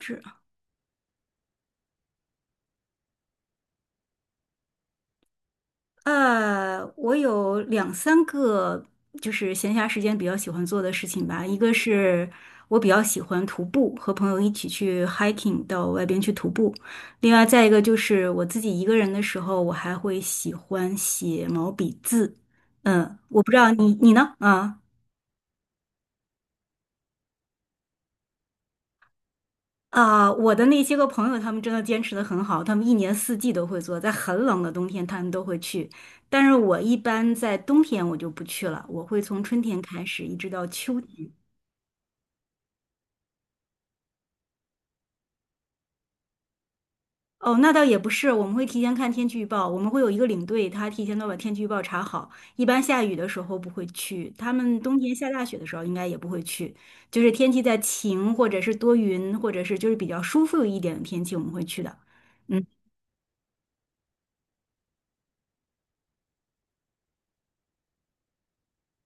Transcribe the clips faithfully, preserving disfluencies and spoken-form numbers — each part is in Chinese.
是呃，我有两三个，就是闲暇时间比较喜欢做的事情吧。一个是我比较喜欢徒步，和朋友一起去 hiking 到外边去徒步。另外，再一个就是我自己一个人的时候，我还会喜欢写毛笔字。嗯，我不知道你你呢？啊。啊、我的那些个朋友，他们真的坚持的很好，他们一年四季都会做，在很冷的冬天他们都会去，但是我一般在冬天我就不去了，我会从春天开始一直到秋天。哦，那倒也不是，我们会提前看天气预报，我们会有一个领队，他提前都把天气预报查好。一般下雨的时候不会去，他们冬天下大雪的时候应该也不会去，就是天气在晴或者是多云，或者是就是比较舒服一点的天气我们会去的。嗯。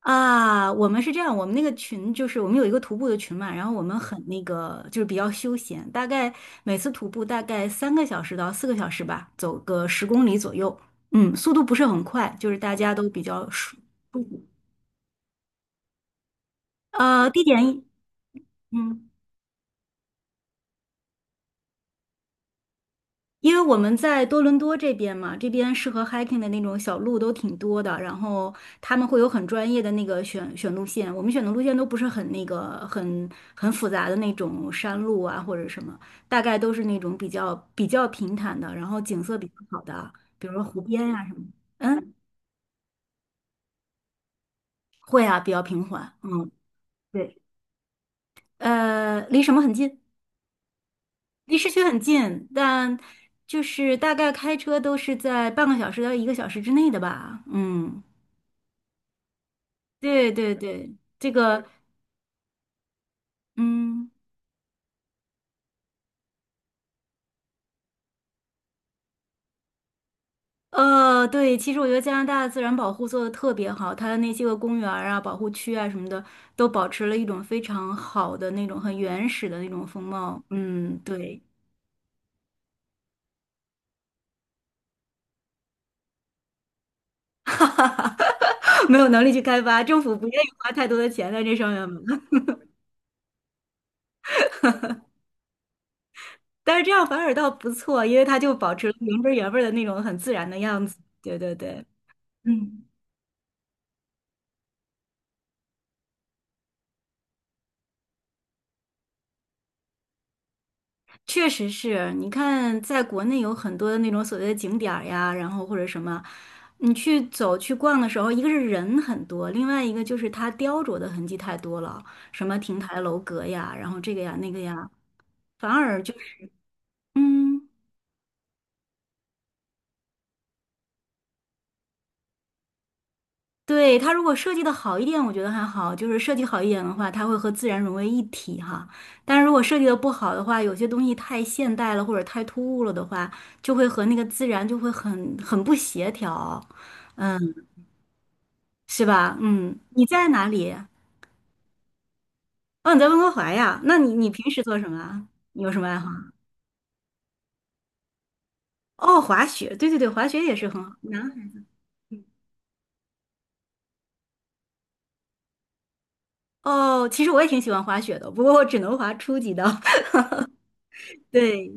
啊，我们是这样，我们那个群就是我们有一个徒步的群嘛，然后我们很那个就是比较休闲，大概每次徒步大概三个小时到四个小时吧，走个十公里左右，嗯，速度不是很快，就是大家都比较舒舒服呃，地点，嗯。因为我们在多伦多这边嘛，这边适合 hiking 的那种小路都挺多的，然后他们会有很专业的那个选选路线，我们选的路线都不是很那个很很复杂的那种山路啊或者什么，大概都是那种比较比较平坦的，然后景色比较好的，比如说湖边呀、什么的。嗯，会啊，比较平缓。嗯，对，呃，离什么很近？离市区很近，但就是大概开车都是在半个小时到一个小时之内的吧。嗯。对对对，这个，嗯，呃，对，其实我觉得加拿大的自然保护做的特别好，它的那些个公园儿啊、保护区啊什么的，都保持了一种非常好的那种很原始的那种风貌。嗯，对，哈哈哈，没有能力去开发，政府不愿意花太多的钱在这上面嘛。但是这样反而倒不错，因为它就保持了原汁儿原味儿的那种很自然的样子。对对对，嗯。确实是，你看，在国内有很多的那种所谓的景点儿呀，然后或者什么，你去走去逛的时候，一个是人很多，另外一个就是它雕琢的痕迹太多了，什么亭台楼阁呀，然后这个呀那个呀，反而就是，嗯，对，它如果设计的好一点，我觉得还好，就是设计好一点的话，它会和自然融为一体哈。但是如果设计的不好的话，有些东西太现代了或者太突兀了的话，就会和那个自然就会很很不协调，嗯。是吧？嗯，你在哪里？哦，你在温哥华呀？那你你平时做什么啊？你有什么爱好啊？哦，滑雪，对对对，滑雪也是很好。男孩哦，其实我也挺喜欢滑雪的，不过我只能滑初级的。对，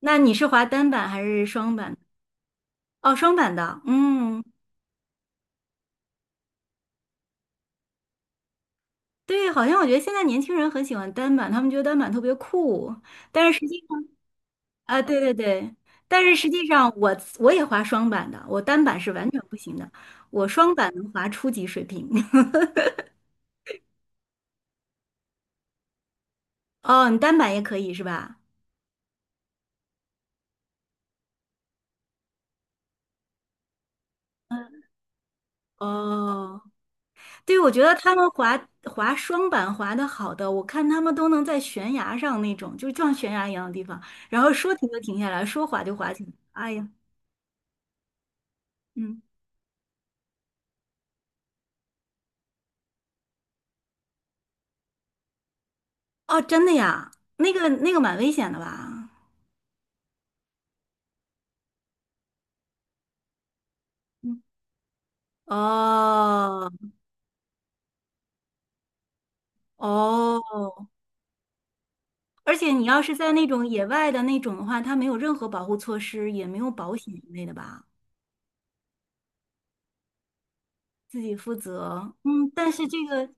那你是滑单板还是双板？哦，双板的。嗯，对，好像我觉得现在年轻人很喜欢单板，他们觉得单板特别酷，但是实际上啊，对对对，但是实际上我我也滑双板的，我单板是完全不行的，我双板能滑初级水平。哦，你单板也可以是吧？哦，对，我觉得他们滑滑双板滑的好的，我看他们都能在悬崖上那种，就像悬崖一样的地方，然后说停就停下来，说滑就滑起来。哎呀，嗯，哦，真的呀，那个那个蛮危险的吧？嗯，哦哦，而且你要是在那种野外的那种的话，它没有任何保护措施，也没有保险一类的吧，自己负责。嗯，但是这个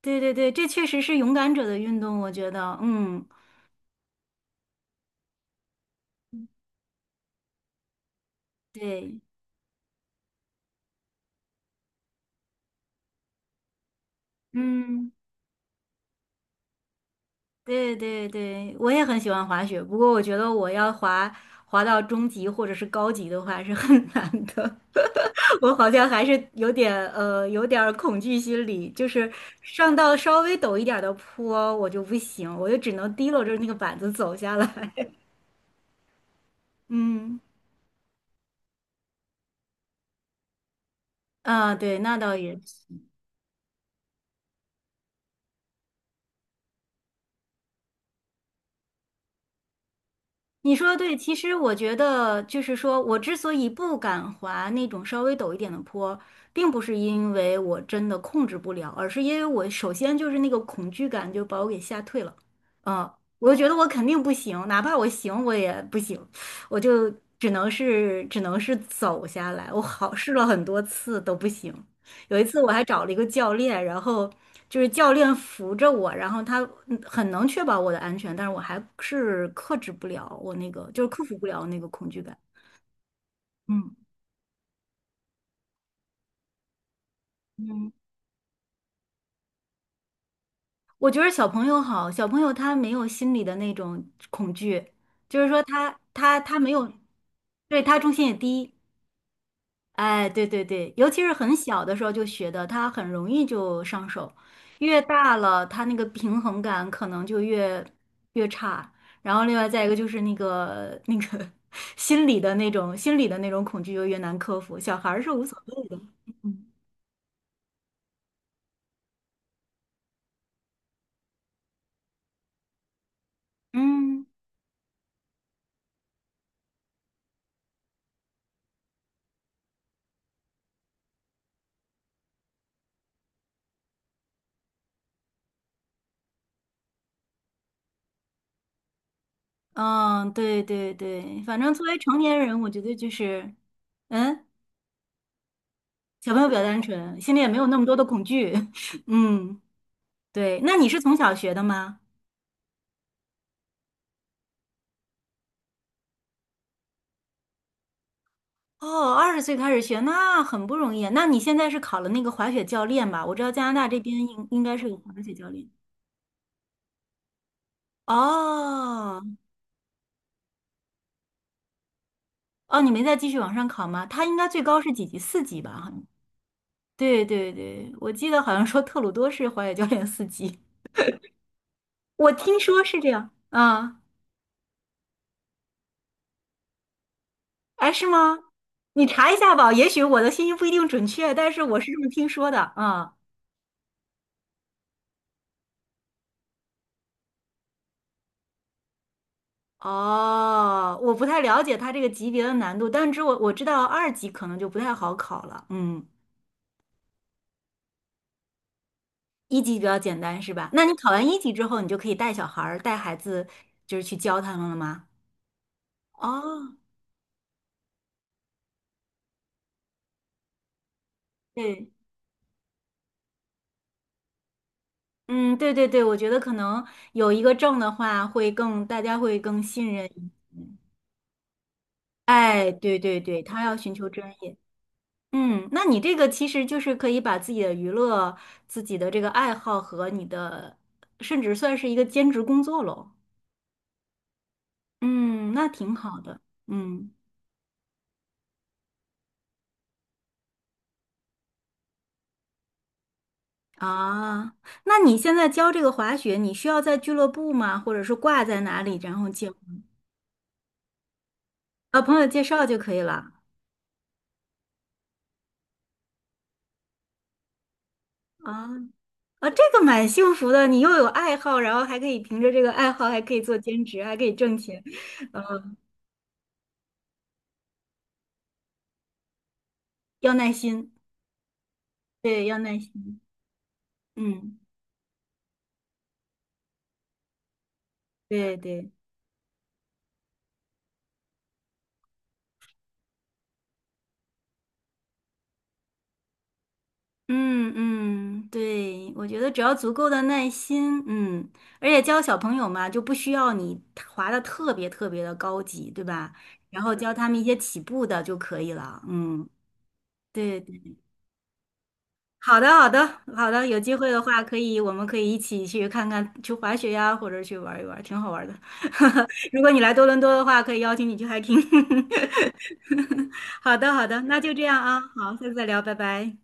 对对对，这确实是勇敢者的运动，我觉得，嗯，对，嗯，对对对，我也很喜欢滑雪，不过我觉得我要滑滑到中级或者是高级的话是很难的，我好像还是有点呃有点儿恐惧心理，就是上到稍微陡一点儿的坡我就不行，我就只能提溜着那个板子走下来，嗯，啊，对，那倒也是，你说的对，其实我觉得就是说，我之所以不敢滑那种稍微陡一点的坡，并不是因为我真的控制不了，而是因为我首先就是那个恐惧感就把我给吓退了。嗯，我就觉得我肯定不行，哪怕我行，我也不行，我就只能是只能是走下来。我好试了很多次都不行，有一次我还找了一个教练，然后就是教练扶着我，然后他嗯很能确保我的安全，但是我还是克制不了我那个，就是克服不了那个恐惧感。嗯嗯，我觉得小朋友好，小朋友他没有心里的那种恐惧，就是说他他他没有，对，他重心也低。哎，对对对，尤其是很小的时候就学的，他很容易就上手，越大了，他那个平衡感可能就越越差。然后另外再一个就是那个那个 心理的那种心理的那种恐惧就越难克服，小孩儿是无所谓的。嗯嗯，对对对，反正作为成年人，我觉得就是，嗯，小朋友比较单纯，心里也没有那么多的恐惧。嗯，对，那你是从小学的吗？哦，二十岁开始学，那很不容易啊。那你现在是考了那个滑雪教练吧？我知道加拿大这边应应该是有滑雪教练。哦，哦，你没再继续往上考吗？他应该最高是几级？四级吧？好像。对对对，我记得好像说特鲁多是滑雪教练四级，我听说是这样。啊，哎，是吗？你查一下吧，也许我的信息不一定准确，但是我是这么听说的。啊。哦，我不太了解它这个级别的难度，但是我我知道二级可能就不太好考了，嗯，一级比较简单是吧？那你考完一级之后，你就可以带小孩儿、带孩子，就是去教他们了吗？哦，对，嗯，对对对，我觉得可能有一个证的话，会更大家会更信任一些。哎，对对对，他要寻求专业。嗯，那你这个其实就是可以把自己的娱乐、自己的这个爱好和你的，甚至算是一个兼职工作喽。嗯，那挺好的。嗯啊，那你现在教这个滑雪，你需要在俱乐部吗？或者是挂在哪里，然后教？啊，朋友介绍就可以了。啊啊，这个蛮幸福的，你又有爱好，然后还可以凭着这个爱好，还可以做兼职，还可以挣钱。呃要耐心，对，要耐心。嗯，对对。嗯嗯，对，我觉得只要足够的耐心，嗯，而且教小朋友嘛，就不需要你滑的特别特别的高级，对吧？然后教他们一些起步的就可以了，嗯，对，对好的，好的，好的，有机会的话，可以，我们可以一起去看看，去滑雪呀，或者去玩一玩，挺好玩的。如果你来多伦多的话，可以邀请你去 hiking。好的，好的，那就这样啊，好，下次再聊，拜拜。